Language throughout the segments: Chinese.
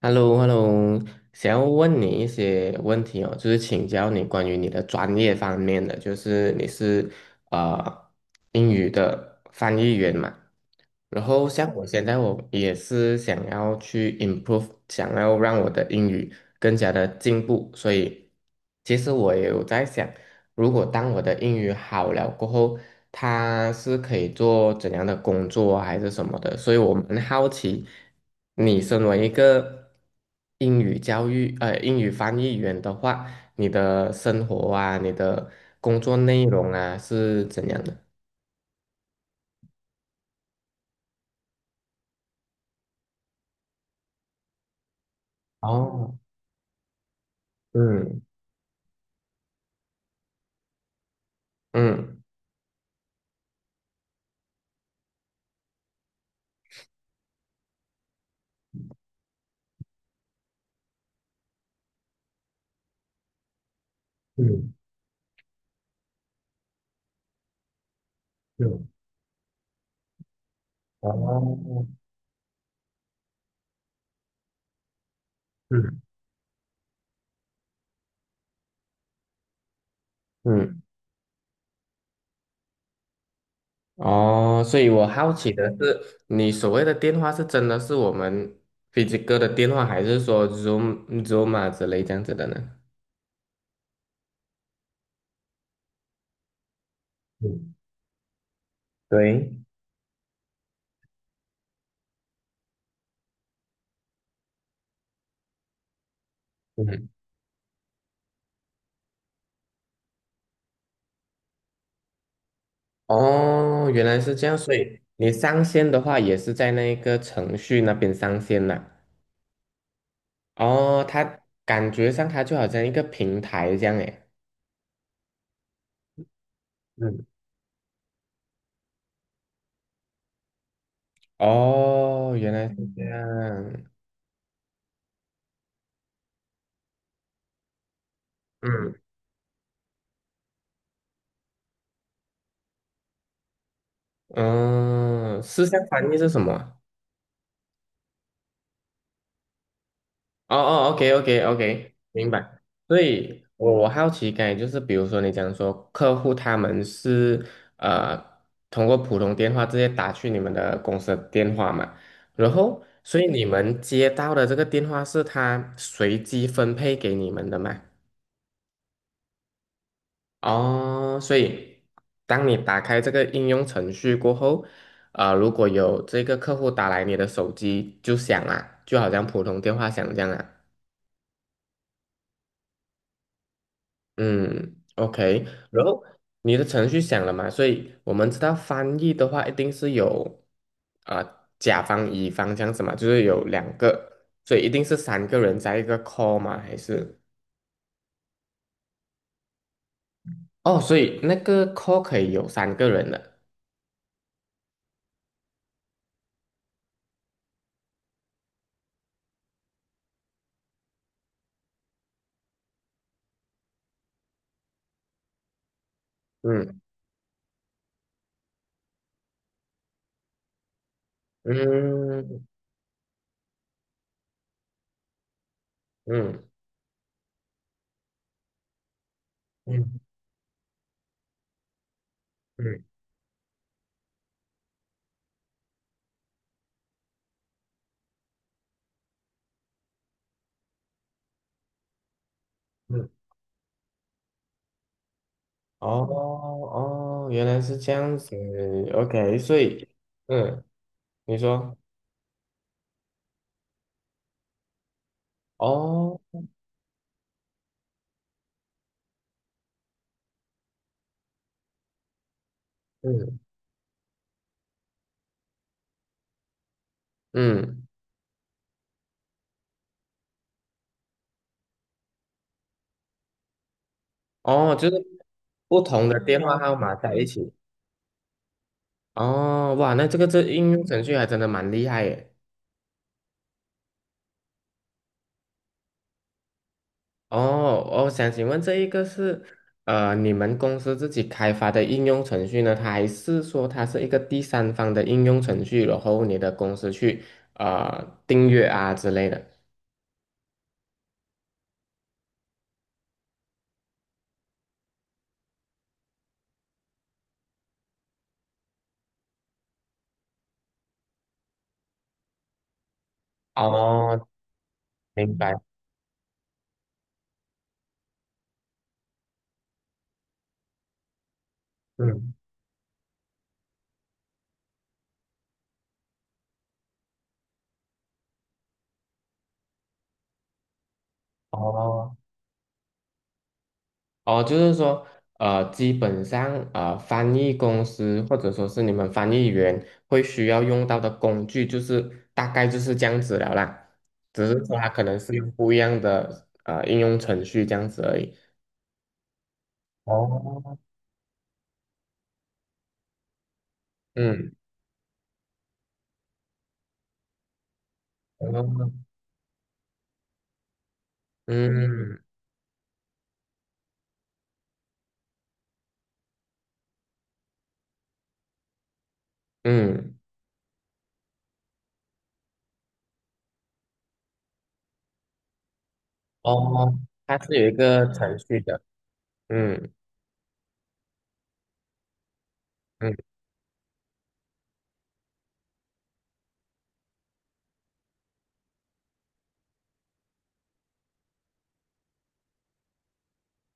Hello hello 想要问你一些问题哦，就是请教你关于你的专业方面的，就是你是呃英语的翻译员嘛？然后像我现在我也是想要去 improve，想要让我的英语更加的进步，所以其实我也有在想，如果当我的英语好了过后，它是可以做怎样的工作啊还是什么的，所以我蛮好奇，你身为一个英语翻译员的话，你的生活啊，你的工作内容啊是怎样的？哦，嗯嗯嗯。是哦，嗯嗯，哦，所以我好奇的是，你所谓的电话是真的是我们飞机哥的电话，还是说 Zoom、Zoom 啊之类这样子的呢？嗯对，嗯，嗯哦，原来是这样，所以你上线的话也是在那个程序那边上线啦。哦，它感觉上它就好像一个平台这样诶。嗯，哦，原来是这样。嗯，嗯，事项翻译是什么啊？哦哦，OK，OK，OK，明白。所以，我好奇，刚才就是，比如说你讲说客户他们是呃通过普通电话直接打去你们的公司的电话嘛，然后，所以你们接到的这个电话是他随机分配给你们的嘛？哦，所以当你打开这个应用程序过后，如果有这个客户打来你的手机就响了，就好像普通电话响这样啊。嗯，OK，然后你的程序响了嘛？所以我们知道翻译的话，一定是有啊、甲方乙方这样子嘛，就是有两个，所以一定是三个人在一个 call 嘛，还是哦，所以那个 call 可以有三个人的，嗯嗯嗯嗯嗯嗯，哦哦，原来是这样子，OK，所以嗯，你说哦，嗯嗯。哦，就是不同的电话号码在一起。哦，哇，那这个应用程序还真的蛮厉害耶。哦，我想请问这一个是你们公司自己开发的应用程序呢，它还是说它是一个第三方的应用程序，然后你的公司去订阅啊之类的？哦，明白。嗯，哦，哦，就是说，基本上，翻译公司或者说是你们翻译员会需要用到的工具，就是大概就是这样子了啦。只是说它可能是用不一样的应用程序这样子而已。哦，嗯，哦嗯嗯，哦，它是有一个程序的，嗯嗯，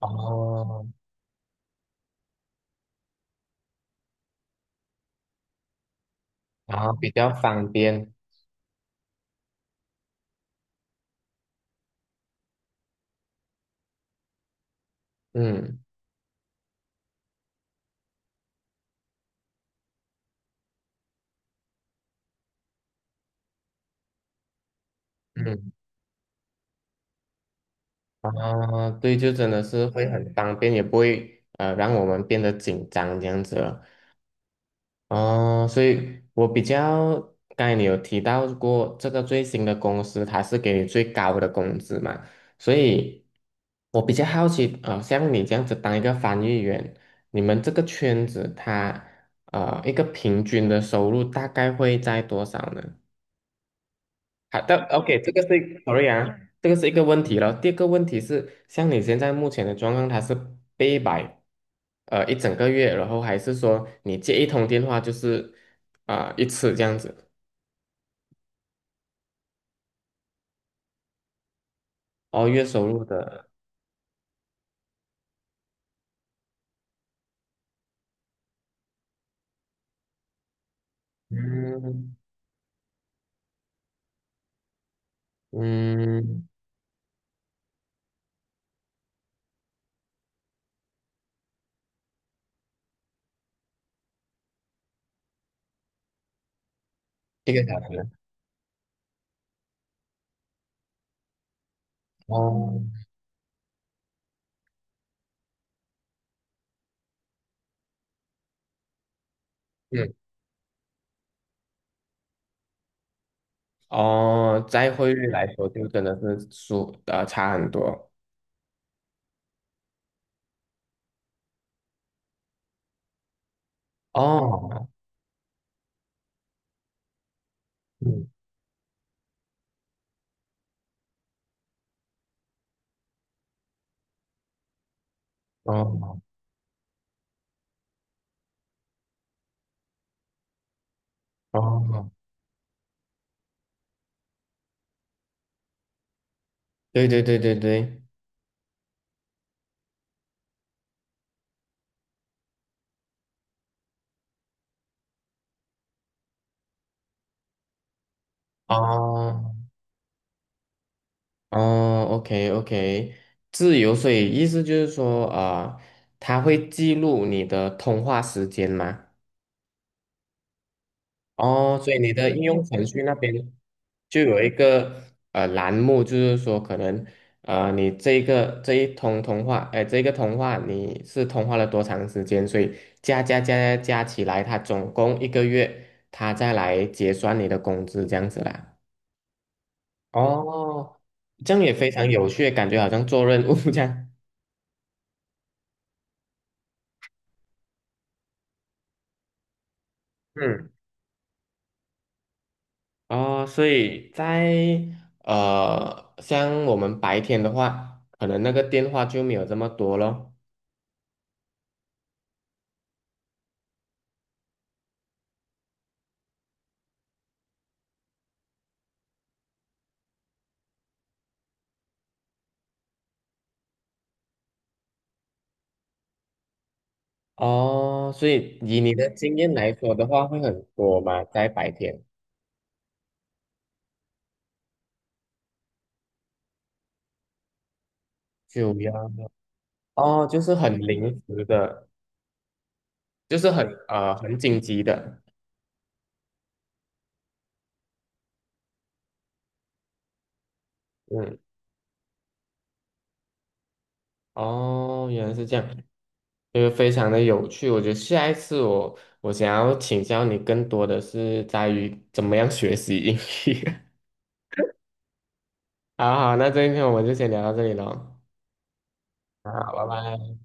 哦，然后比较方便，嗯嗯。啊，对，就真的是会很方便，也不会让我们变得紧张这样子了。哦，所以我比较，刚才你有提到过这个最新的公司，它是给你最高的工资嘛，所以我比较好奇，像你这样子当一个翻译员，你们这个圈子它一个平均的收入大概会在多少呢？好的，OK，嗯sorry 啊，嗯这个是一个问题了。第二个问题是，像你现在目前的状况，它是被摆一整个月，然后还是说你接一通电话就是啊、一次这样子？哦，月收入的，嗯嗯，一个小时，哦，嗯，哦，在汇率来说，就真的是差很多。哦，嗯，哦哦，对对对对对，哦。哦，OK OK，自由，所以意思就是说，啊，它会记录你的通话时间吗？哦，所以你的应用程序那边就有一个栏目，就是说可能你这一通通话，哎、这个通话你是通话了多长时间？所以加加加加加起来，它总共一个月，他再来结算你的工资这样子啦。哦，这样也非常有趣，感觉好像做任务这样。嗯，哦，所以像我们白天的话，可能那个电话就没有这么多咯。哦，所以以你的经验来说的话，会很多嘛，在白天就要哦，就是很临时的，就是很紧急的。嗯，哦，原来是这样，就是非常的有趣。我觉得下一次我想要请教你更多的是在于怎么样学习英语。好好，那这一篇我们就先聊到这里喽。啊，拜拜。